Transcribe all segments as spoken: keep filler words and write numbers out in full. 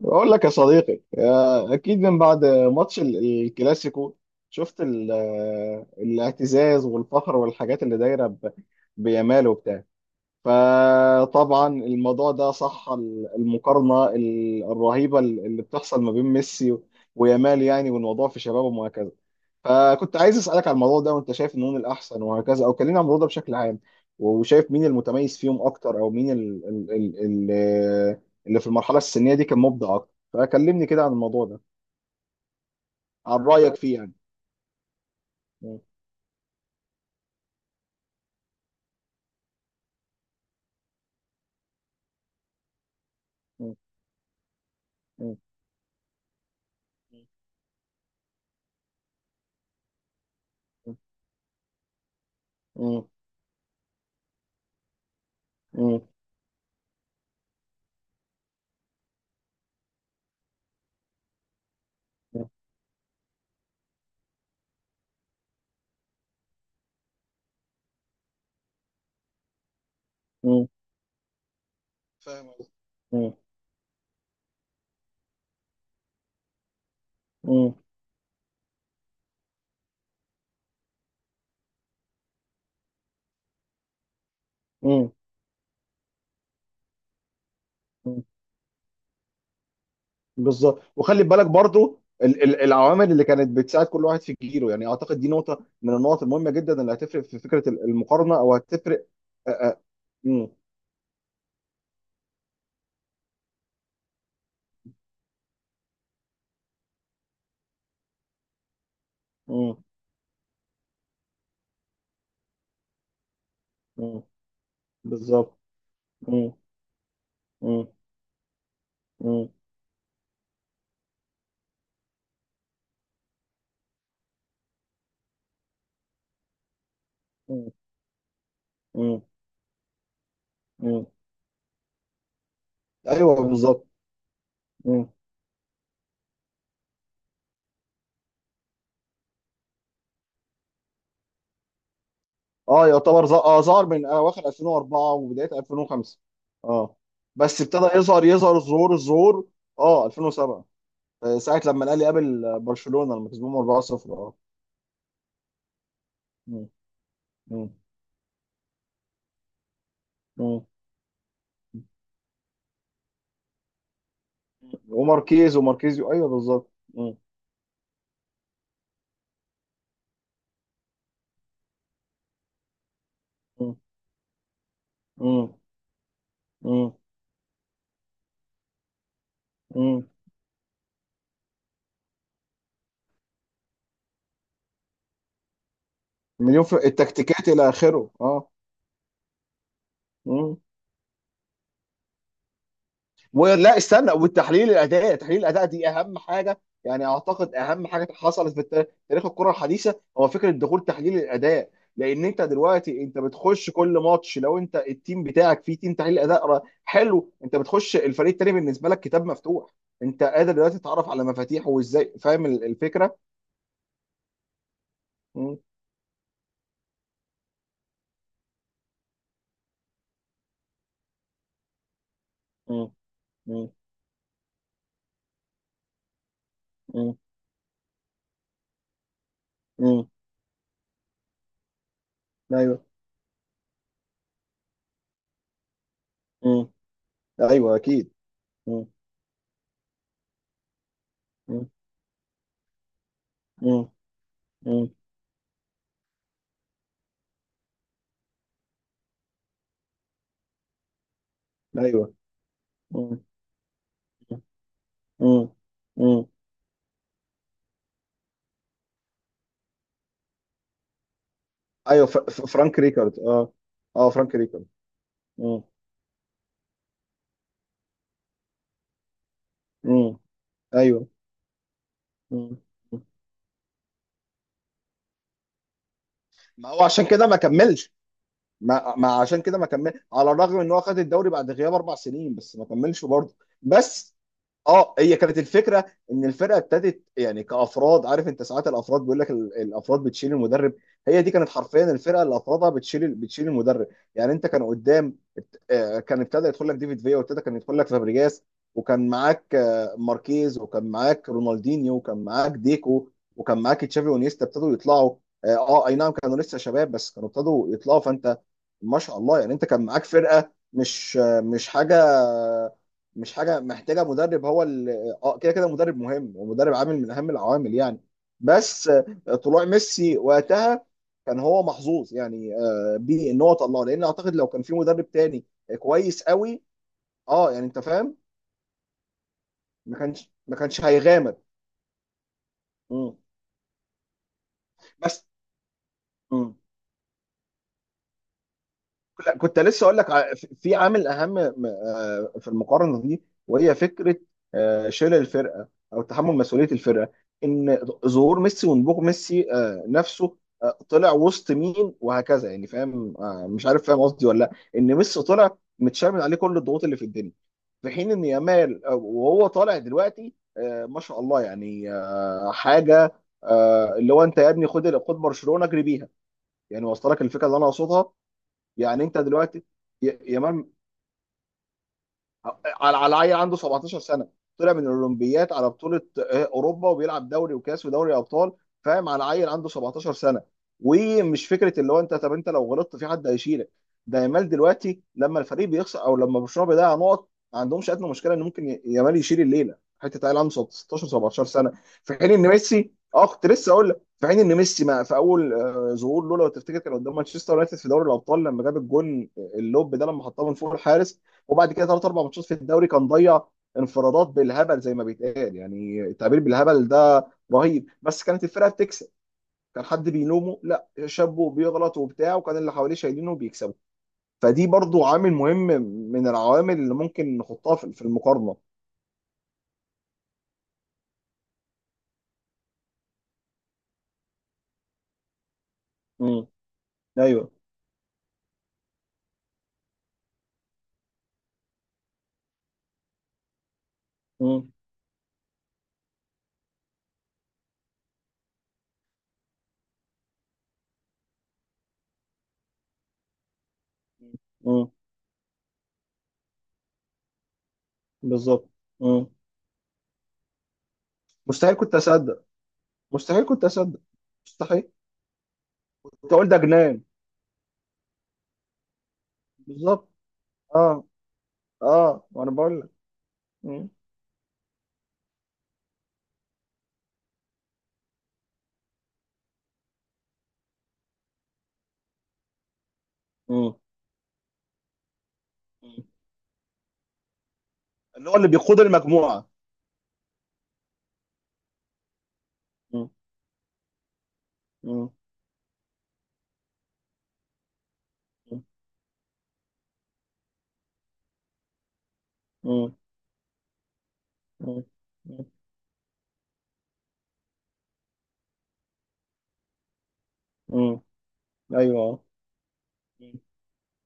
بقول لك يا صديقي، آه، اكيد من بعد ماتش ال- الكلاسيكو. شفت ال- آه، الاعتزاز والفخر والحاجات اللي دايره ب- بيامال وبتاع. فطبعا الموضوع ده صح، ال- المقارنه ال- الرهيبه اللي بتحصل ما بين ميسي ويامال يعني، والموضوع في شبابه. فكنت عايز اسالك على الموضوع ده، وانت شايف مين الاحسن وهكذا، او كلمني عن الموضوع ده بشكل عام. وشايف مين المتميز فيهم اكتر، او مين ال ال ال ال اللي في المرحله السنيه دي كان مبدع اكتر، فكلمني كده عن الموضوع ده. عن رايك فيه يعني. م- م- م- م- م- م- م- م- فاهم قصدك. م- م- م- م- بالظبط، وخلي بالك برضو ال- ال- العوامل اللي كانت بتساعد كل واحد في جيله، يعني اعتقد دي نقطه من النقط المهمه جدا اللي هتفرق في فكره المقارنه او هتفرق. مم. مم. مم. بالظبط. مم. مم. مم. مم. مم. مم. ايوه، بالظبط. مم. اه، يعتبر ظ- آه ظهر من اواخر ألفين وأربعة وبدايه ألفين وخمسة. اه. بس ابتدى يظهر يظهر الظهور الظهور. اه، ألفين وسبعة، آه، ساعه لما الاهلي قابل آه، برشلونه لما كسبهم أربعة صفر. اه. مم. مم. مم. وماركيز وماركيزيو، ايوه بالظبط. مم. مم. مم. مم. مم. مليون في التكتيكات الى اخره، اه. مم. ولا استنى، والتحليل الاداء تحليل الاداء دي اهم حاجه، يعني اعتقد اهم حاجه حصلت في التا- تاريخ الكره الحديثه هو فكره دخول تحليل الاداء. لان انت دلوقتي انت بتخش كل ماتش، لو انت التيم بتاعك فيه تيم تحليل اداء را- حلو، انت بتخش الفريق التاني بالنسبه لك كتاب مفتوح. انت قادر دلوقتي تتعرف على مفاتيحه وازاي، فاهم ال- الفكره؟ مم. مم. مم. مم. مم. ايوه. مم. ايوه، اكيد. مم. مم. مم. مم. ايوه. مم. مم. مم. ايوه، ف... ف- فرانك ريكارد. اه. اه، فرانك ريكارد. امم. امم. ايوه. مم. ما هو عشان كده ما كملش. ما ما عشان كده ما كمل، على الرغم ان هو خد الدوري بعد غياب اربع سنين، بس ما كملش برضه. بس، اه، هي كانت الفكره، ان الفرقه ابتدت يعني كافراد، عارف انت ساعات الافراد بيقول لك ال- الافراد بتشيل المدرب. هي دي كانت حرفيا الفرقه اللي افرادها بتشيل بتشيل المدرب. يعني انت كان قدام، ابت- آه، كان ابتدى يدخل لك ديفيد فيا، وابتدى كان يدخل لك فابريجاس. وكان معاك آه، ماركيز، وكان معاك رونالدينيو، وكان معاك ديكو. وكان معاك تشافي ونيستا ابتدوا يطلعوا. اه، آه، اي نعم، كانوا لسه شباب، بس كانوا ابتدوا يطلعوا، فانت ما شاء الله، يعني انت كان معاك فرقه، مش مش حاجه، مش حاجه محتاجه مدرب هو ال- اه، كده كده مدرب مهم، ومدرب عامل من اهم العوامل يعني. بس آه، طلوع ميسي وقتها كان هو محظوظ، يعني آه، بيه، ان هو طلعه، لان اعتقد لو كان في مدرب تاني كويس قوي. اه، يعني انت فاهم، ما كانش ما كانش هيغامر. مم. بس. مم. لا، كنت لسه اقول لك ع- في في عامل اهم، م- آه، في المقارنه دي، وهي فكره آه، شيل الفرقه او تحمل مسؤوليه الفرقه، ان ظهور ميسي ونبوغ ميسي آه، نفسه، آه، طلع وسط مين وهكذا، يعني فاهم، آه، مش عارف، فاهم قصدي ولا لا؟ ان ميسي طلع متشرمن عليه كل الضغوط اللي في الدنيا. في حين ان يامال، آه، وهو طالع دلوقتي آه، ما شاء الله يعني، آه، حاجه، آه، اللي هو انت يا ابني خد خد برشلونه اجري بيها. يعني وصلك الفكره اللي انا اقصدها؟ يعني انت دلوقتي ي- يامال، على على عيل عنده سبعة عشر سنه، طلع من الاولمبيات على بطوله آه، اوروبا، وبيلعب دوري وكاس ودوري ابطال. فاهم؟ على عيل عنده سبعتاشر سنه. ومش فكره اللي هو انت، طب انت لو غلطت في حد هيشيلك. ده يامال دلوقتي لما الفريق بيخسر او لما برشلونه بيضيع نقط، ما عندهمش ادنى مشكله ان ممكن ي- يامال يشيل الليله، حته عيل عنده ستة عشر سبعتاشر سنه. في حين ان ميسي، اه، كنت لسه اقول لك، في حين ان ميسي، ما في اول آه، ظهور له، لو تفتكر، كان قدام مانشستر يونايتد في دوري الابطال، لما جاب الجون آه، اللوب ده، لما حطها من فوق الحارس. وبعد كده ثلاث اربع ماتشات في الدوري، كان ضيع انفرادات بالهبل زي ما بيتقال، يعني التعبير بالهبل ده رهيب، بس كانت الفرقه بتكسب. كان حد بيلومه؟ لا، شابه بيغلط وبتاع، وكان اللي حواليه شايلينه وبيكسبوا. فدي برضو عامل مهم من العوامل اللي ممكن نحطها في في المقارنه. امم. ايوه. امم. امم. بالظبط. امم. مستحيل كنت اصدق. مستحيل كنت اصدق. مستحيل. كنت اقول ده جنان. بالظبط. اه. اه، وانا بقول لك. مم. مم. اللي هو اللي بيقود المجموعه. مم. مم. مم. مم. مم. ايوه.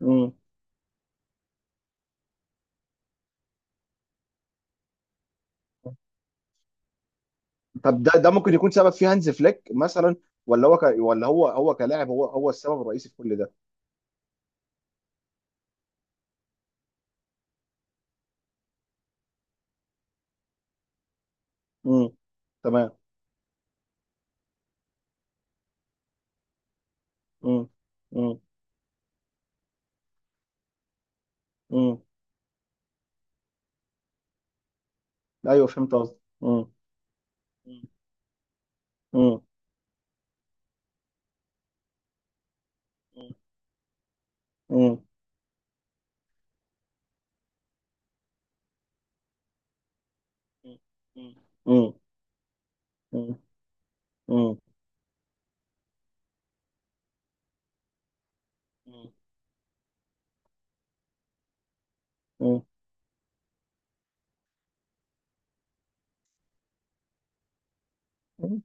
مم. طب ده ده ممكن يكون سبب فيه هانز فليك مثلا، ولا هو ك... ولا هو هو كلاعب هو هو السبب الرئيسي في كل ده؟ مم. تمام. مم. مم. مم. ايوه، فهمت قصدك. مم. مم. مم. مم. مم. مم. مم. مم. مم.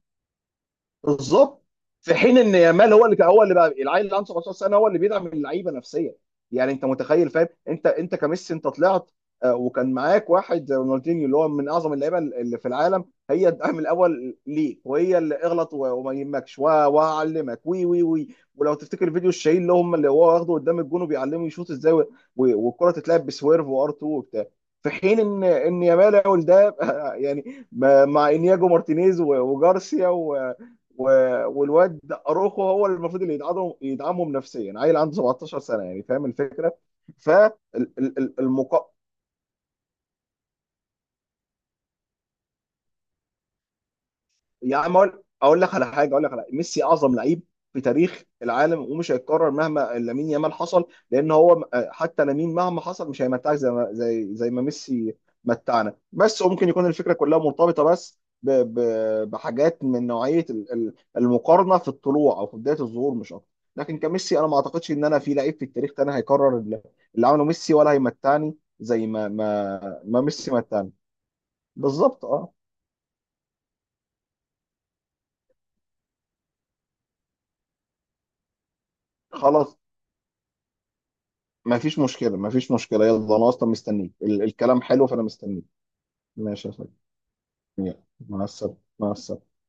بالظبط. في حين ان يامال هو اللي كان- هو اللي بقى العيل اللي عنده سبعتاشر سنه، هو اللي بيدعم اللعيبه نفسيا. يعني انت متخيل، فاهم؟ انت انت كميسي انت طلعت آه، وكان معاك واحد زي رونالدينيو، اللي هو من اعظم اللعيبه اللي في العالم، هي الدعم الاول ليك، وهي اللي اغلط و- وما يهمكش و- وهعلمك وي وي وي ولو تفتكر فيديو الشهير اللي هم اللي هو واخده قدام الجون، وبيعلمه يشوط ازاي و- و- والكره تتلعب بسويرف وار اتنين وبتاع. في حين ان ان يامال يعمل ده يعني مع مع انياجو مارتينيز و- وجارسيا، و و- والواد اروخو هو اللي المفروض اللي يدعمهم يدعمهم نفسيا، عيل عنده سبعتاشر سنه، يعني فاهم الفكره؟ فالمقابل. يا عم، اقول اقول لك على حاجه، اقول لك على ميسي، اعظم لعيب في تاريخ العالم، ومش هيتكرر مهما لامين يامال حصل، لان هو حتى لامين مهما حصل مش هيمتعك زي ما زي زي ما ميسي متعنا. بس وممكن يكون الفكره كلها مرتبطه بس ب- ب- بحاجات من نوعيه ال- ال- المقارنه في الطلوع او في بدايه الظهور، مش اكتر. لكن كميسي، انا ما اعتقدش ان انا في لعيب في التاريخ تاني هيكرر اللي اللي عمله ميسي، ولا هيمتعني زي ما ما ما ميسي متعنا. بالظبط. اه. خلاص، ما فيش مشكلة، ما فيش مشكلة. يلا، أنا أصلا مستنيك، ال- الكلام حلو، فأنا مستنيك. ماشي يا صاحبي. يلا، مع السلامة، مع السلامة.